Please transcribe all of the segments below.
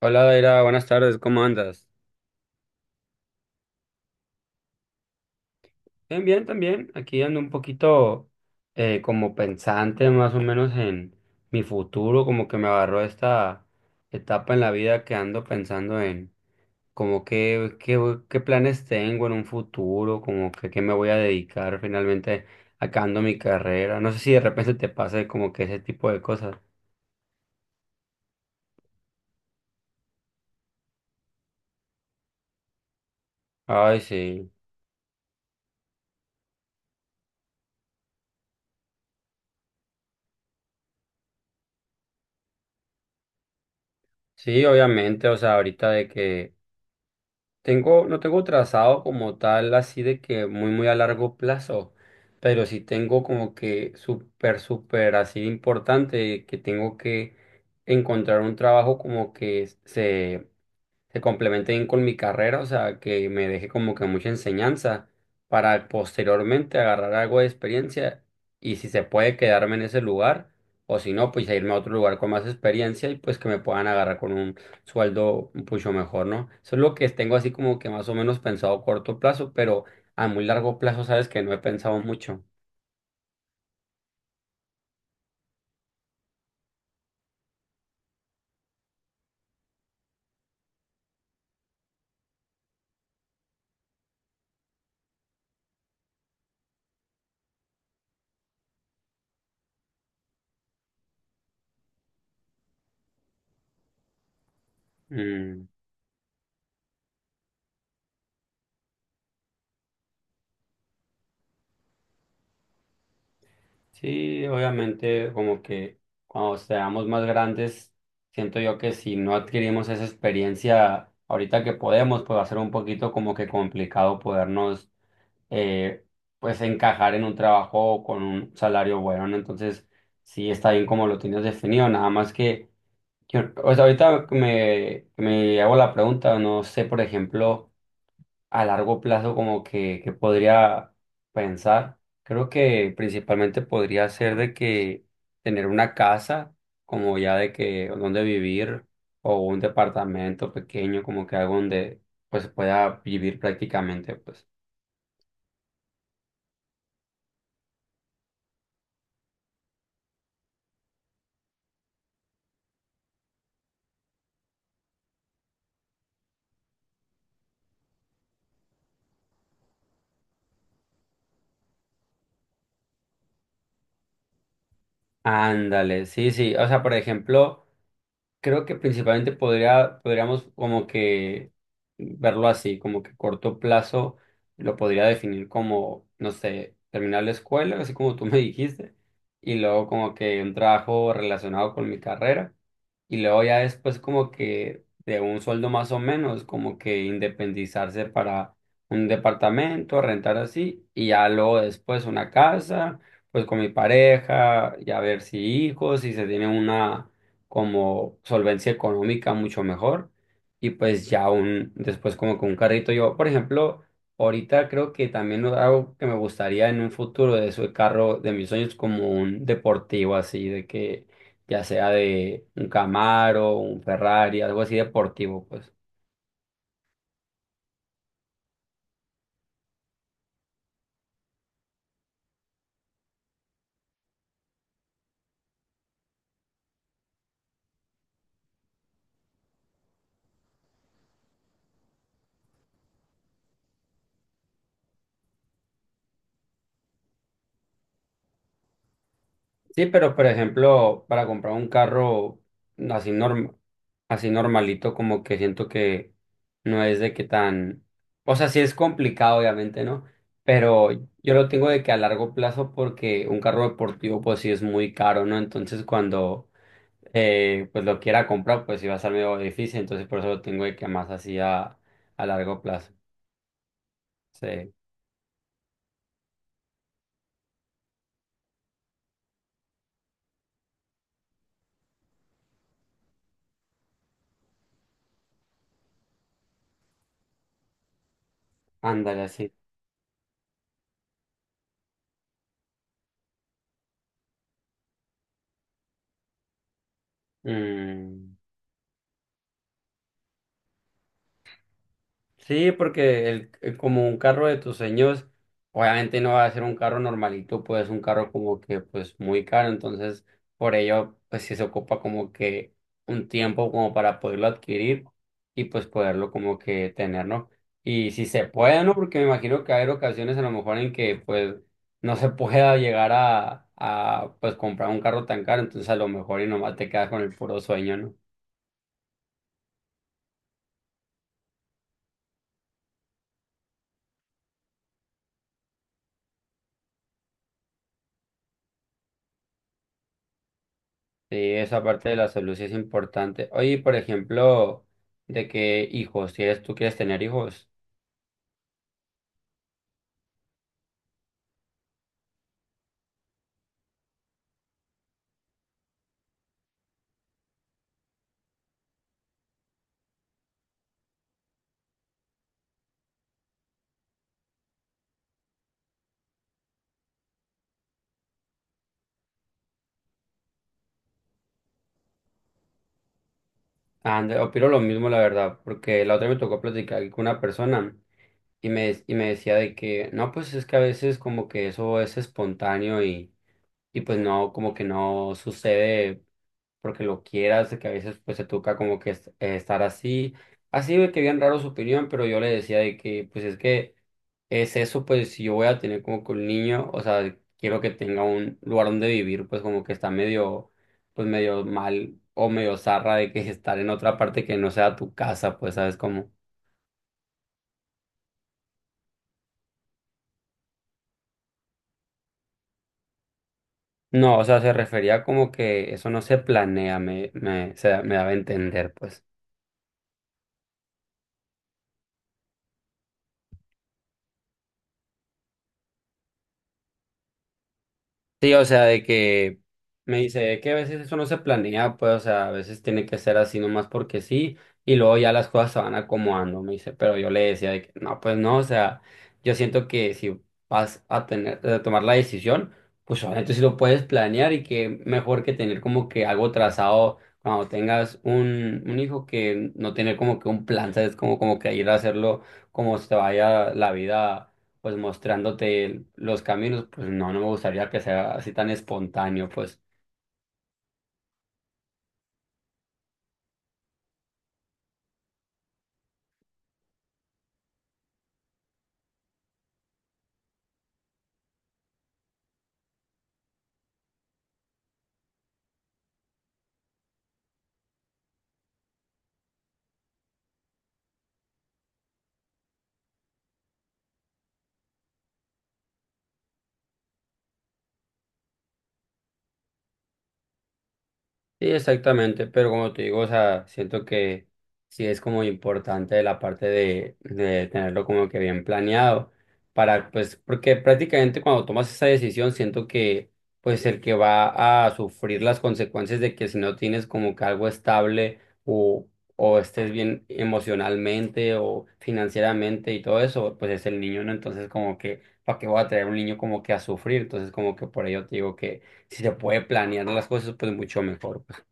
Hola, Daira, buenas tardes, ¿cómo andas? Bien, bien, también. Aquí ando un poquito como pensante más o menos en mi futuro, como que me agarró esta etapa en la vida que ando pensando en como qué planes tengo en un futuro, como que qué me voy a dedicar finalmente acabando mi carrera. No sé si de repente te pase como que ese tipo de cosas. Ay, sí. Sí, obviamente, o sea, ahorita de que tengo, no tengo trazado como tal, así de que muy, muy a largo plazo, pero sí tengo como que súper, súper así importante que tengo que encontrar un trabajo como que se complemente bien con mi carrera, o sea, que me deje como que mucha enseñanza para posteriormente agarrar algo de experiencia y si se puede quedarme en ese lugar o si no, pues a irme a otro lugar con más experiencia y pues que me puedan agarrar con un sueldo un mucho mejor, ¿no? Eso es lo que tengo así como que más o menos pensado a corto plazo, pero a muy largo plazo sabes que no he pensado mucho. Mm. Sí, obviamente, como que cuando seamos más grandes, siento yo que si no adquirimos esa experiencia ahorita que podemos, pues va a ser un poquito como que complicado podernos, eh, pues encajar en un trabajo con un salario bueno, ¿no? Entonces, sí está bien como lo tienes definido, nada más que, yo- o sea, ahorita que me hago la pregunta, no sé, por ejemplo a largo plazo como que podría pensar. Creo que principalmente podría ser de que tener una casa, como ya de que donde vivir, o un departamento pequeño, como que algo donde pues pueda vivir prácticamente, pues. Ándale, sí, sí. O sea, por ejemplo. Creo que principalmente podríamos como que verlo así, como que corto plazo lo podría definir como, no sé, terminar la escuela, así como tú me dijiste, y luego como que un trabajo relacionado con mi carrera, y luego ya después como que de un sueldo más o menos, como que independizarse para un departamento, rentar así, y ya luego después una casa, pues con mi pareja, ya ver si hijos, si se tiene una como solvencia económica mucho mejor y pues ya un después como con un carrito yo por ejemplo ahorita creo que también no, algo que me gustaría en un futuro de su carro de mis sueños como un deportivo así de que ya sea de un Camaro un Ferrari algo así deportivo pues. Sí, pero por ejemplo, para comprar un carro así norm- así normalito, como que siento que no es de que tan, o sea, sí es complicado, obviamente, ¿no? Pero yo lo tengo de que a largo plazo, porque un carro deportivo, pues sí es muy caro, ¿no? Entonces cuando pues lo quiera comprar, pues sí va a ser medio difícil, entonces por eso lo tengo de que más así a largo plazo. Sí, ándale así. Mm. Sí, porque el, como un carro de tus sueños, obviamente no va a ser un carro normalito, pues un carro como que pues muy caro, entonces por ello pues sí se ocupa como que un tiempo como para poderlo adquirir y pues poderlo como que tener, ¿no? Y si se puede, ¿no? Porque me imagino que hay ocasiones a lo mejor en que pues no se pueda llegar a pues comprar un carro tan caro, entonces a lo mejor y nomás te quedas con el puro sueño, ¿no? Sí, esa parte de la salud sí es importante. Oye, por ejemplo, de que hijos, si es, tú quieres tener hijos, ande- opino lo mismo, la verdad, porque la otra me tocó platicar con una persona y me decía de que, no, pues es que a veces como que eso es espontáneo y pues no, como que no sucede porque lo quieras, de que a veces pues se toca como que estar así, así de que bien raro su opinión, pero yo le decía de que pues es que es eso, pues si yo voy a tener como que un niño, o sea, quiero que tenga un lugar donde vivir, pues como que está medio, pues medio mal o medio zarra de que estar en otra parte que no sea tu casa, pues sabes cómo. No, o sea, se refería como que eso no se planea, me daba a entender, pues. Sí, o sea, de que me dice que a veces eso no se planea, pues, o sea, a veces tiene que ser así nomás porque sí, y luego ya las cosas se van acomodando, me dice, pero yo le decía de que no, pues no, o sea, yo siento que si a tomar la decisión, pues obviamente sí lo puedes planear y que mejor que tener como que algo trazado cuando tengas un hijo que no tener como que un plan, ¿sabes? Como que ir a hacerlo como se te vaya la vida pues mostrándote los caminos, pues no, no me gustaría que sea así tan espontáneo, pues. Sí, exactamente, pero como te digo, o sea, siento que sí es como importante la parte de tenerlo como que bien planeado para, pues, porque prácticamente cuando tomas esa decisión, siento que, pues, el que va a sufrir las consecuencias de que si no tienes como que algo estable o, o estés bien emocionalmente o financieramente y todo eso, pues es el niño, ¿no? Entonces, como que, ¿para qué voy a traer un niño como que a sufrir? Entonces, como que por ello te digo que si se puede planear las cosas, pues mucho mejor, pues.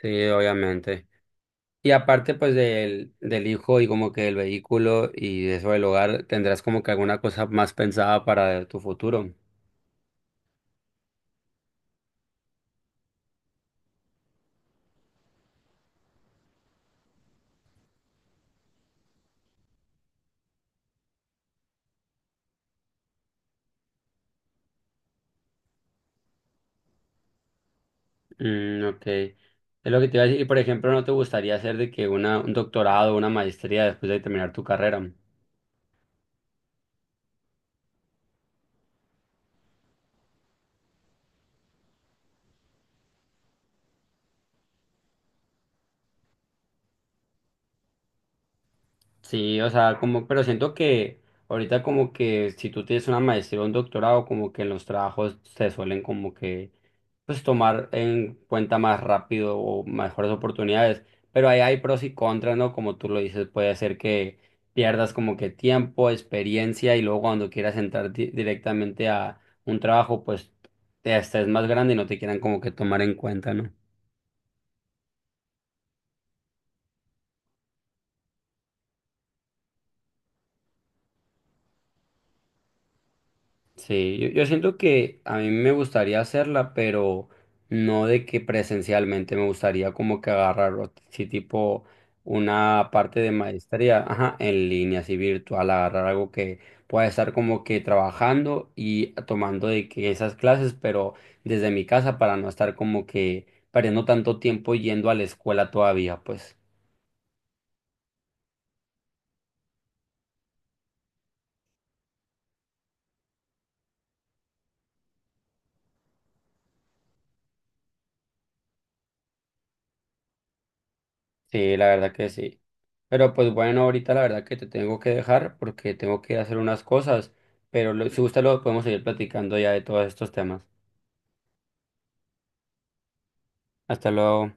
Sí, obviamente. Y aparte, pues del hijo y como que el vehículo y eso del hogar, tendrás como que alguna cosa más pensada para tu futuro. Mm, ok. Es lo que te iba a decir. Y por ejemplo, ¿no te gustaría hacer de que un doctorado, una maestría después de terminar tu carrera? Sí, o sea, como, pero siento que ahorita como que si tú tienes una maestría o un doctorado, como que en los trabajos se suelen como que, pues tomar en cuenta más rápido o mejores oportunidades, pero ahí hay pros y contras, ¿no? Como tú lo dices, puede ser que pierdas como que tiempo, experiencia y luego cuando quieras entrar di- directamente a un trabajo, pues te estés más grande y no te quieran como que tomar en cuenta, ¿no? Sí, yo siento que a mí me gustaría hacerla, pero no de que presencialmente me gustaría como que agarrar, o t- sí, tipo una parte de maestría, ajá, en línea, así virtual, agarrar algo que pueda estar como que trabajando y tomando de que esas clases, pero desde mi casa para no estar como que perdiendo tanto tiempo yendo a la escuela todavía, pues. Sí, la verdad que sí. Pero pues bueno, ahorita la verdad que te tengo que dejar porque tengo que hacer unas cosas, pero lo- si gusta lo podemos seguir platicando ya de todos estos temas. Hasta luego.